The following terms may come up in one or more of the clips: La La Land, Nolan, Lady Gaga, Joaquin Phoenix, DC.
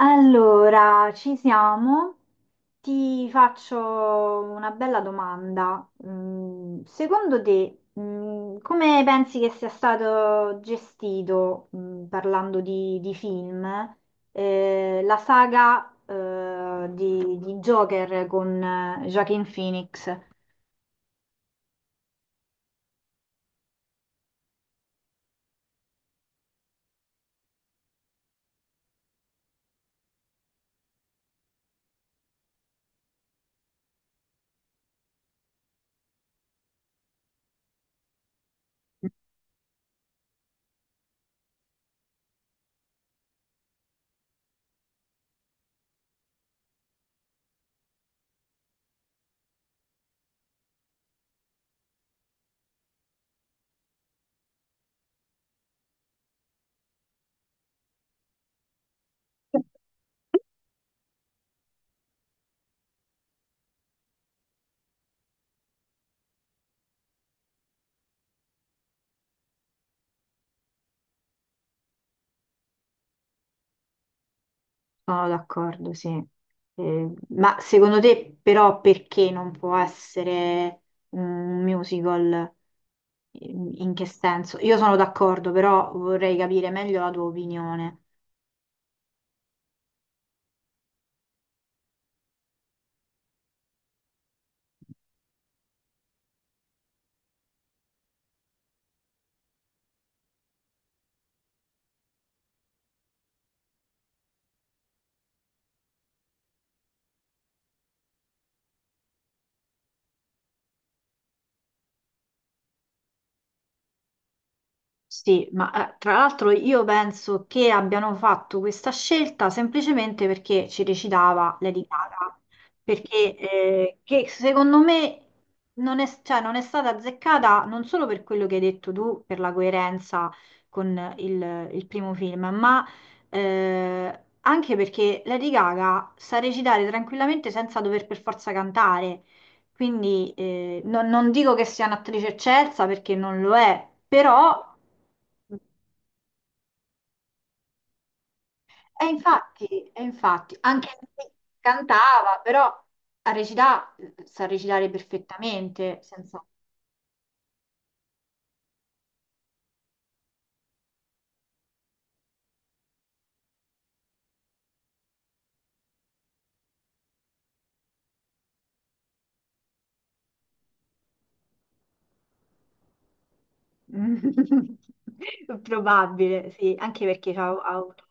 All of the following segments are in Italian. Allora, ci siamo. Ti faccio una bella domanda. Secondo te, come pensi che sia stato gestito, parlando di film, la saga, di Joker con Joaquin Phoenix? Sono d'accordo, sì. Ma secondo te però perché non può essere un musical? In che senso? Io sono d'accordo, però vorrei capire meglio la tua opinione. Sì, ma tra l'altro io penso che abbiano fatto questa scelta semplicemente perché ci recitava Lady Gaga, perché che secondo me non è, cioè, non è stata azzeccata non solo per quello che hai detto tu, per la coerenza con il primo film, ma anche perché Lady Gaga sa recitare tranquillamente senza dover per forza cantare. Quindi non dico che sia un'attrice eccelsa perché non lo è, però e infatti, anche se cantava, però a recità, sa recitare perfettamente, senza Probabile, sì, anche perché ha avuto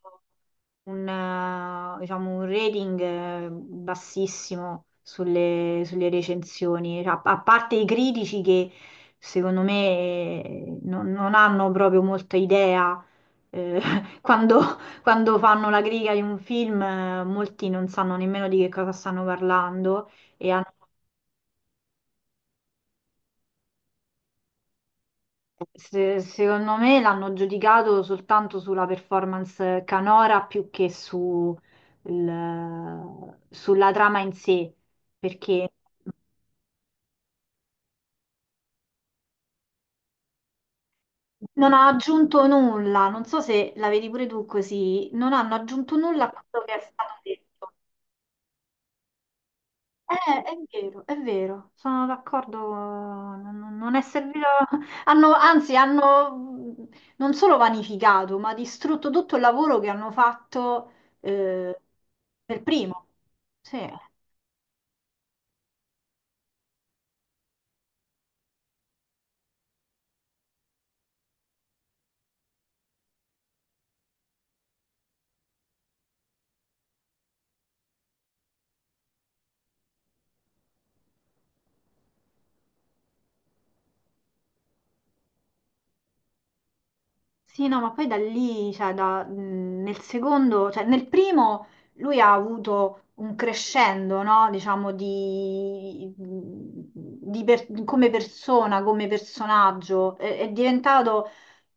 un, diciamo, un rating bassissimo sulle recensioni, a parte i critici che secondo me non hanno proprio molta idea. eh, quando, quando fanno la critica di un film, molti non sanno nemmeno di che cosa stanno parlando e hanno secondo me l'hanno giudicato soltanto sulla performance canora più che su sulla trama in sé, perché non ha aggiunto nulla. Non so se la vedi pure tu così, non hanno aggiunto nulla a quello che è stato detto. È vero, è vero, sono d'accordo, non è servito, hanno, anzi hanno non solo vanificato, ma distrutto tutto il lavoro che hanno fatto eh, per primo. Sì. Sì, no, ma poi da lì, nel secondo, cioè nel primo lui ha avuto un crescendo, no? Diciamo di, come persona, come personaggio, è diventato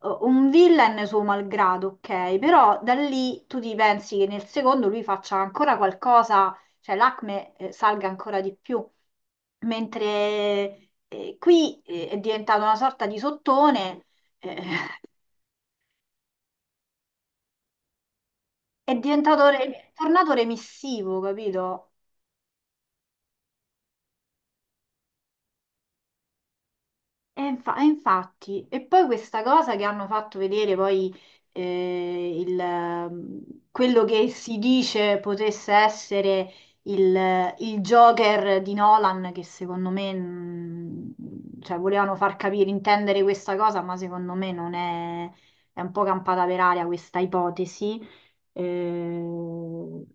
un villain suo malgrado, ok? Però da lì tu ti pensi che nel secondo lui faccia ancora qualcosa, cioè l'acme salga ancora di più, mentre qui è diventato una sorta di sottone. Eh, è tornato remissivo, capito? E infatti, e poi questa cosa che hanno fatto vedere poi eh, il, ehm, quello che si dice potesse essere il Joker di Nolan, che secondo me, cioè, volevano far capire, intendere questa cosa, ma secondo me non è, è un po' campata per aria questa ipotesi. Eh,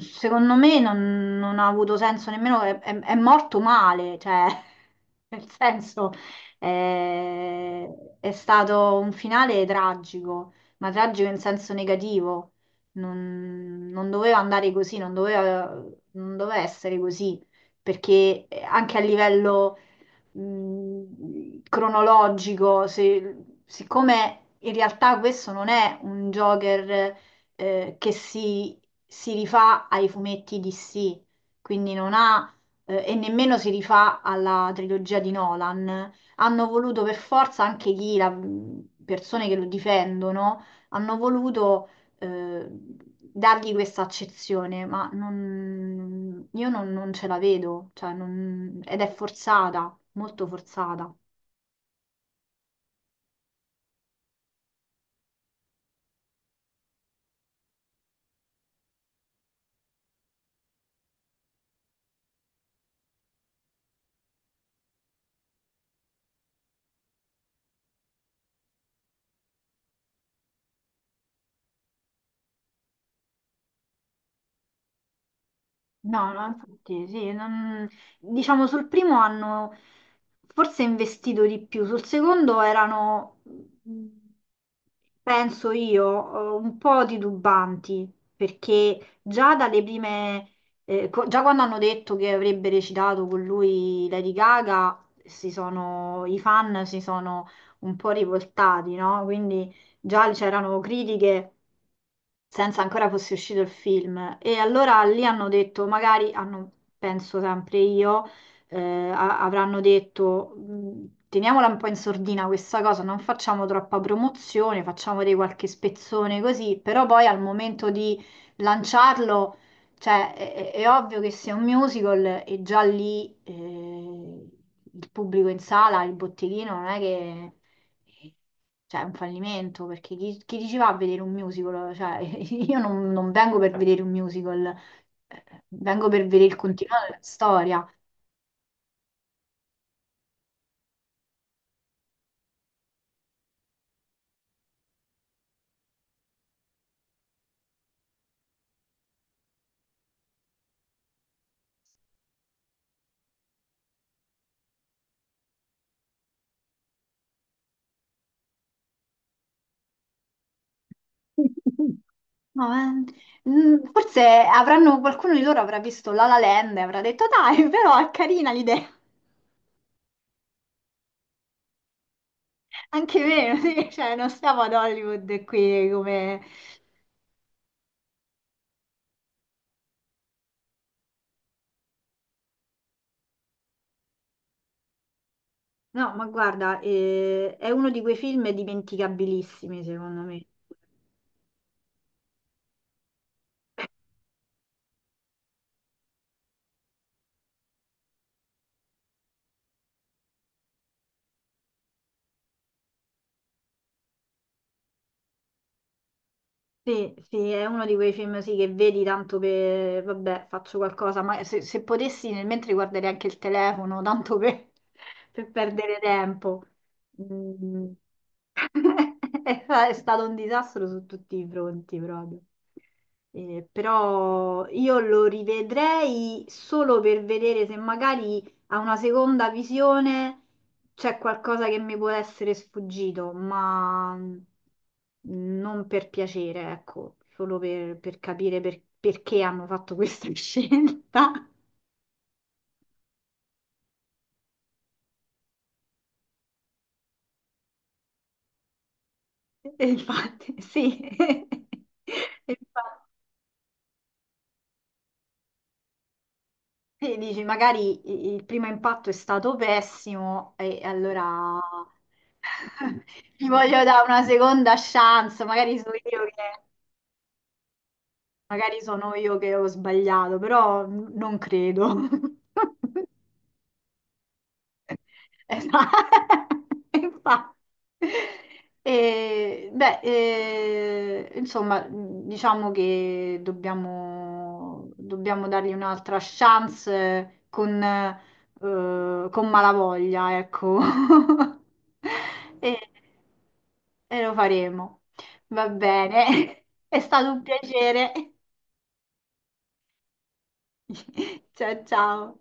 Secondo me non ha avuto senso nemmeno, è morto male, cioè, nel senso, eh, è stato un finale tragico, ma tragico in senso negativo. Non doveva andare così, non doveva, non doveva essere così, perché anche a livello cronologico, siccome in realtà questo non è un Joker eh, che si, si rifà ai fumetti DC, quindi non ha, e nemmeno si rifà alla trilogia di Nolan, hanno voluto per forza anche chi, la, persone che lo difendono, hanno voluto dargli questa accezione, ma io non ce la vedo, cioè ed è forzata molto forzata. No, no, infatti sì, diciamo sul primo hanno forse investito di più, sul secondo erano penso io, un po' titubanti, perché già dalle prime, già quando hanno detto che avrebbe recitato con lui Lady Gaga, i fan si sono un po' rivoltati, no? Quindi già c'erano critiche senza ancora fosse uscito il film. E allora lì hanno detto, magari hanno, penso sempre io eh, avranno detto teniamola un po' in sordina questa cosa, non facciamo troppa promozione, facciamo dei qualche spezzone così, però poi al momento di lanciarlo, è ovvio che sia un musical e già lì il pubblico in sala, il botteghino non è che... Cioè, è un fallimento perché chi ci va a vedere un musical? Cioè, io non vengo per vedere un musical, vengo per vedere il continuo della storia. No, forse avranno, qualcuno di loro avrà visto La La Land e avrà detto dai, però è carina l'idea. Anche me, sì, cioè, non stiamo ad Hollywood qui come... No, ma guarda, è uno di quei film dimenticabilissimi, secondo me. Sì, sì, è uno di quei film sì, che vedi tanto per, vabbè, faccio qualcosa, ma se potessi nel mentre guarderei anche il telefono, tanto per, per perdere tempo. Mm. È stato un disastro su tutti i fronti proprio. Però io lo rivedrei solo per vedere se magari a una seconda visione c'è qualcosa che mi può essere sfuggito, ma non per piacere, ecco, solo per capire perché hanno fatto questa scelta. E infatti, sì, E infatti, sì, dici, magari il primo impatto è stato pessimo e allora gli voglio dare una seconda chance, magari sono io che ho sbagliato, però non credo. Esatto, infatti. E, beh, insomma, diciamo che dobbiamo, dobbiamo dargli un'altra chance con malavoglia, ecco. E, e lo faremo. Va bene, è stato un piacere. Ciao ciao.